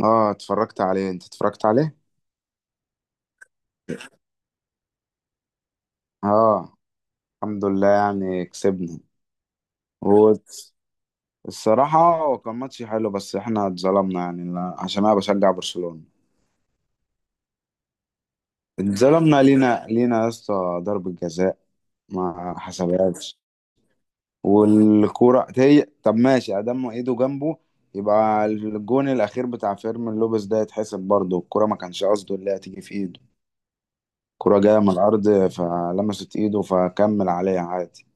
اه، اتفرجت عليه. انت اتفرجت عليه؟ اه، الحمد لله يعني كسبنا. والصراحة هو كان ماتش حلو بس احنا اتظلمنا، يعني عشان انا بشجع برشلونة. اتظلمنا لينا لينا يا اسطى، ضربة جزاء ما حسبهاش. والكورة هي طب ماشي ادام ايده جنبه، يبقى الجون الاخير بتاع فيرمين لوبيز ده يتحسب برضه. الكورة ما كانش قصده اللي هتيجي في ايده، الكورة جاية من الارض فلمست ايده فكمل عليها عادي.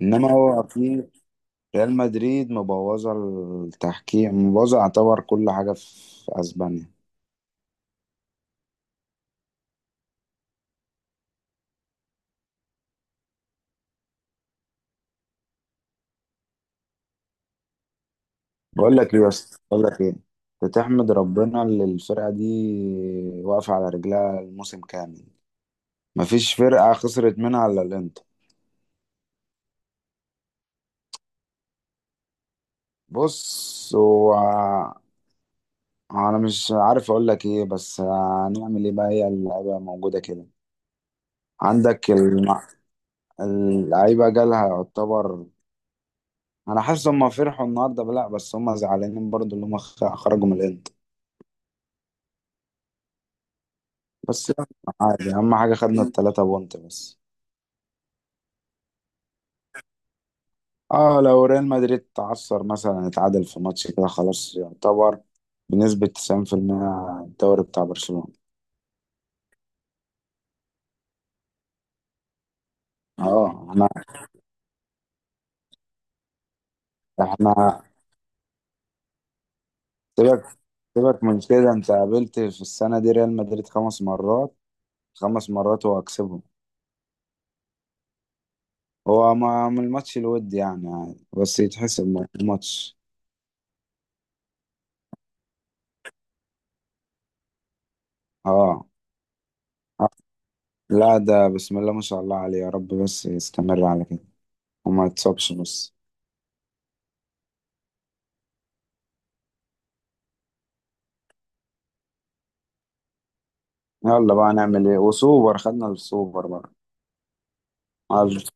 انما هو في ريال مدريد مبوظه، التحكيم مبوظه يعتبر كل حاجه في اسبانيا. بقول لك ايه، بتحمد ربنا اللي الفرقه دي واقفه على رجلها الموسم كامل. مفيش فرقه خسرت منها الا الانتر. بص هو، انا مش عارف اقول لك ايه، بس هنعمل ايه بقى، هي اللعيبه موجوده كده. عندك الم- اللعيبه جالها يعتبر. انا حاسس هم فرحوا النهارده، لا بس هم زعلانين برضو اللي هم خرجوا من الانتر. بس يلا، عادي، اهم حاجه خدنا التلاتة بونت بس. اه، لو ريال مدريد تعثر، مثلا اتعادل في ماتش كده، خلاص يعتبر بنسبه 90% الدوري بتاع برشلونه. اه، احنا سيبك سيبك من كده. انت قابلت في السنه دي ريال مدريد خمس مرات، خمس مرات هو هكسبهم. هو ما من الماتش الود يعني، يعني بس يتحسب ماتش. اه. آه، لا، ده بسم الله ما شاء الله عليه، يا رب بس يستمر على كده وما يتصابش. بس يلا بقى نعمل ايه، وسوبر خدنا السوبر بقى. عال-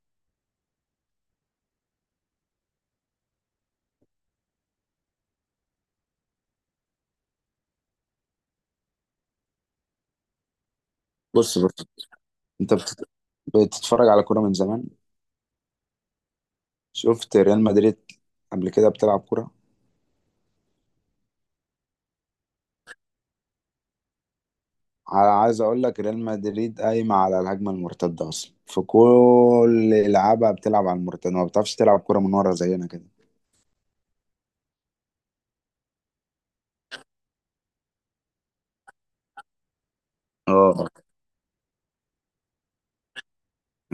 بص بص. انت بتتفرج على كوره من زمان، شفت ريال مدريد قبل كده بتلعب كوره؟ على، عايز اقول لك، ريال مدريد قايمه على الهجمه المرتده اصلا، في كل لعبها بتلعب على المرتده، ما بتعرفش تلعب كوره من ورا زينا كده. اه.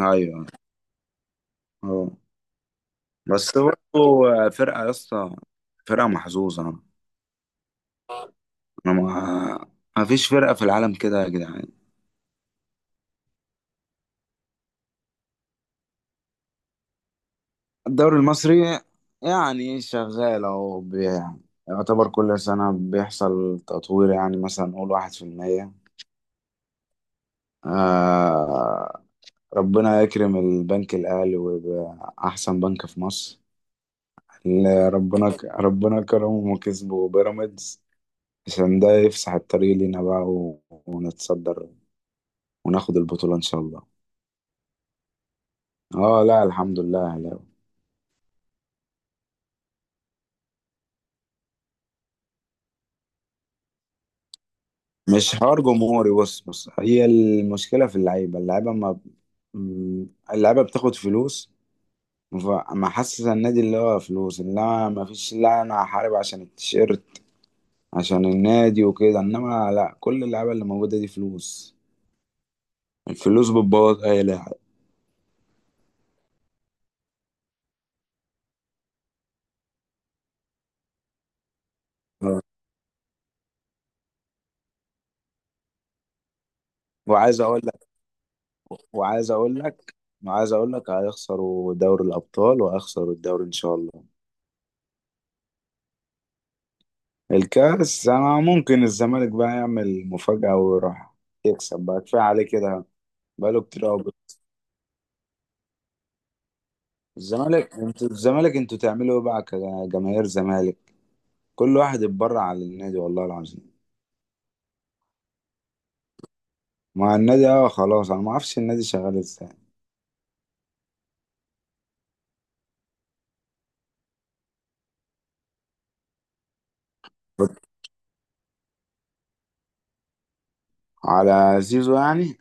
ايوه. اه. بس برضه فرقه يا اسطى، فرقه محظوظه. انا ما ما فيش فرقه في العالم كده يا جدعان. الدوري المصري يعني شغال اهو يعني يعتبر كل سنة بيحصل تطوير، يعني مثلا نقول 1%. آه ربنا يكرم البنك الأهلي ويبقى أحسن بنك في مصر، اللي ربنا ربنا كرمهم وكسبوا بيراميدز. عشان ده يفسح الطريق لينا بقى ونتصدر وناخد البطولة إن شاء الله. اه لا، الحمد لله. مش حوار جمهوري، بص بص، هي المشكلة في اللعيبة، اللعيبة ما ب- م- اللعيبة بتاخد فلوس. فما حاسس النادي اللي هو فلوس، انما ما فيش لا، انا هحارب عشان التيشيرت، عشان النادي وكده. انما لا، كل اللعيبة اللي موجودة دي فلوس، الفلوس بتبوظ اي لاعب. وعايز اقول لك وعايز اقول لك وعايز اقول لك هيخسروا دوري الابطال وهيخسروا الدوري ان شاء الله. الكاس، انا ممكن الزمالك بقى يعمل مفاجأة ويروح يكسب بقى، كفاية عليه كده بقاله كتير قوي. الزمالك انتوا تعملوا ايه بقى كجماهير زمالك؟ كل واحد اتبرع على النادي والله العظيم. مع النادي، اه خلاص، انا ما اعرفش النادي شغال ازاي. على زيزو يعني،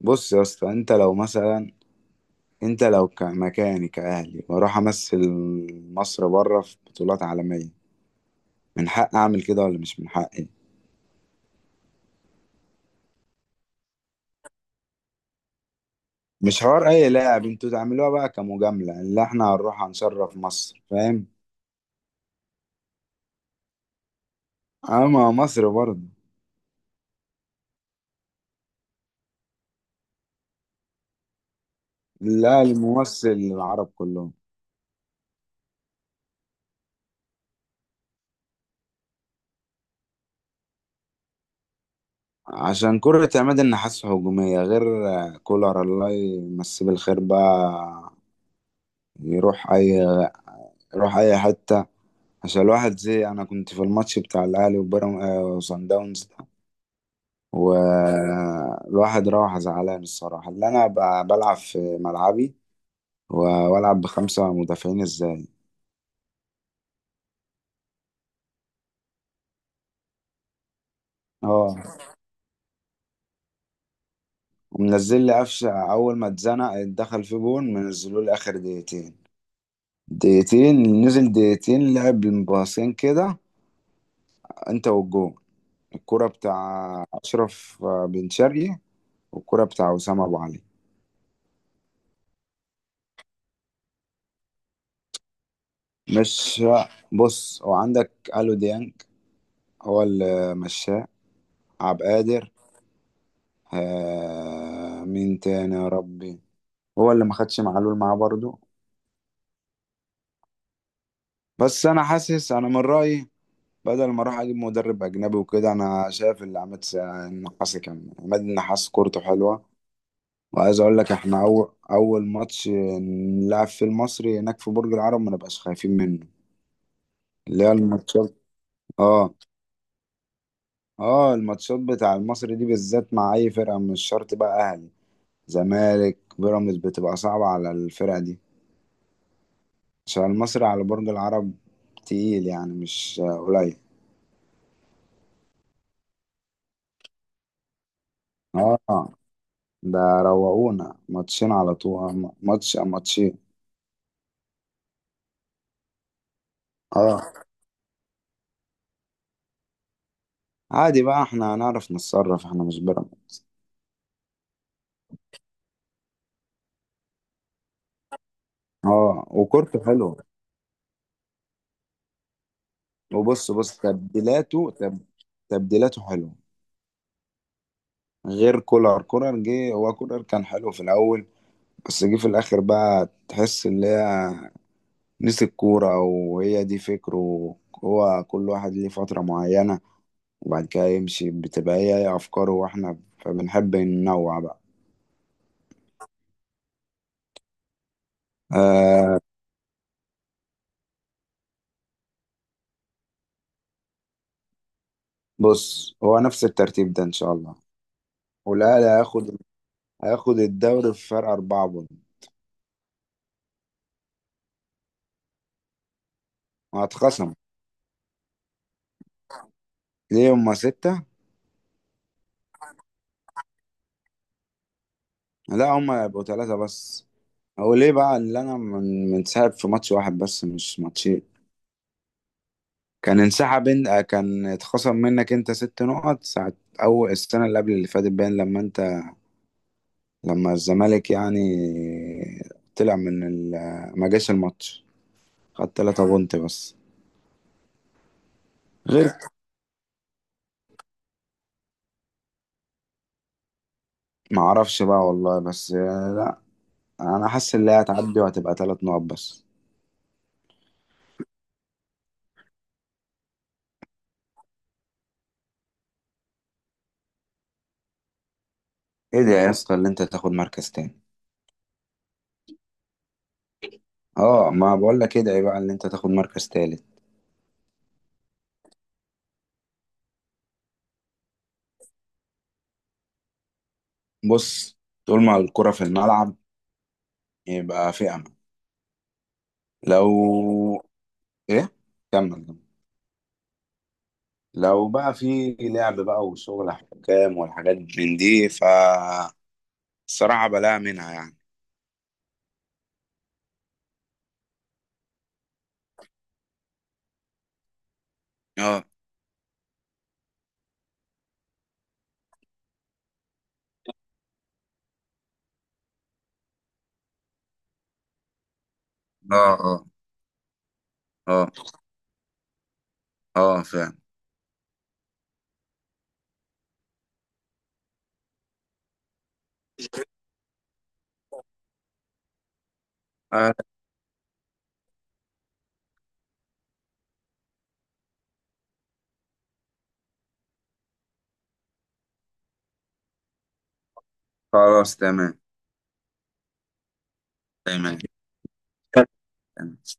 بص يا اسطى انت لو مثلا، انت لو مكاني كاهلي واروح امثل مصر بره في بطولات عالميه، من حق اعمل كده ولا مش من حقي؟ مش حوار اي لاعب، انتوا تعملوها بقى كمجامله اللي احنا هنروح هنشرف مصر، فاهم؟ اما مصر برضه، لا الممثل العرب كلهم. عشان كرة عماد النحاس هجومية، غير كولر الله يمسيه بالخير بقى. يروح أي يروح أي حتة. عشان الواحد زي أنا كنت في الماتش بتاع الأهلي وبيراميدز وصن داونز ده، والواحد راح زعلان الصراحة. اللي أنا بلعب في ملعبي و- وألعب بخمسة مدافعين إزاي. اه، ومنزل لي قفشة أول ما اتزنق دخل في جون، منزلوا لي آخر دقيقتين. دقيقتين نزل، دقيقتين لعب باصين كده، انت والجون، الكرة بتاع أشرف بن شرقي والكرة بتاع وسام أبو علي. مش، بص هو عندك ألو ديانج، هو اللي مشاه، عبد القادر. مين تاني يا ربي؟ هو اللي ما خدش معلول معاه برضه. بس أنا حاسس، أنا من رأيي، بدل ما أروح أجيب مدرب أجنبي وكده، أنا شايف اللي عماد النحاس كورته حلوة. وعايز اقول لك احنا اول اول ماتش نلعب في المصري هناك في برج العرب ما نبقاش خايفين منه، اللي هي الماتشات. اه، اه، الماتشات بتاع المصري دي بالذات مع اي فرقه، مش شرط بقى اهلي زمالك بيراميدز، بتبقى صعبه على الفرقه دي. عشان المصري على برج العرب تقيل يعني مش قليل. اه، ده روقونا ماتشين على طول، ماتشين. اه، عادي بقى، احنا هنعرف نتصرف، احنا مش بيراميدز. اه وكورته حلوه. وبص بص تبديلاته تبديلاته حلوه. غير كولر، كولر جه، هو كولر كان حلو في الاول، بس جه في الاخر بقى تحس ان هي نسي الكوره، وهي دي فكره، هو كل واحد ليه فتره معينه وبعد كده يمشي، بتبقى هي هي افكاره، واحنا فبنحب ننوع بقى. آه بص هو نفس الترتيب ده ان شاء الله. والاهلي هياخد، هياخد الدوري في فرق اربعه بون. وهتخصم ليه هما سته، لا هما يبقوا ثلاثه بس. هو ليه بقى اللي انا منسحب في ماتش واحد بس مش ماتشين؟ كان انسحب انت، كان اتخصم منك انت ست نقط ساعة اول السنة اللي قبل اللي فاتت باين. لما الزمالك يعني طلع من ما جاش الماتش، خدت تلاتة بونت بس. غير، ما اعرفش بقى والله، بس لا، انا حاسس ان هي هتعدي وهتبقى تلات نقط بس. ادعي يا اسطى اللي انت تاخد مركز تاني. اه ما بقول لك ادعي بقى اللي انت تاخد مركز تالت. بص، طول ما الكرة في الملعب يبقى في امل. لو، ايه، كمل كمل. لو بقى في لعب بقى وشغل حكام والحاجات من دي، فالصراحة بلاقي منها يعني. اه. اه. اه. اه. اه، فاهم. آه، خلاص، تمام. تمام. تمام.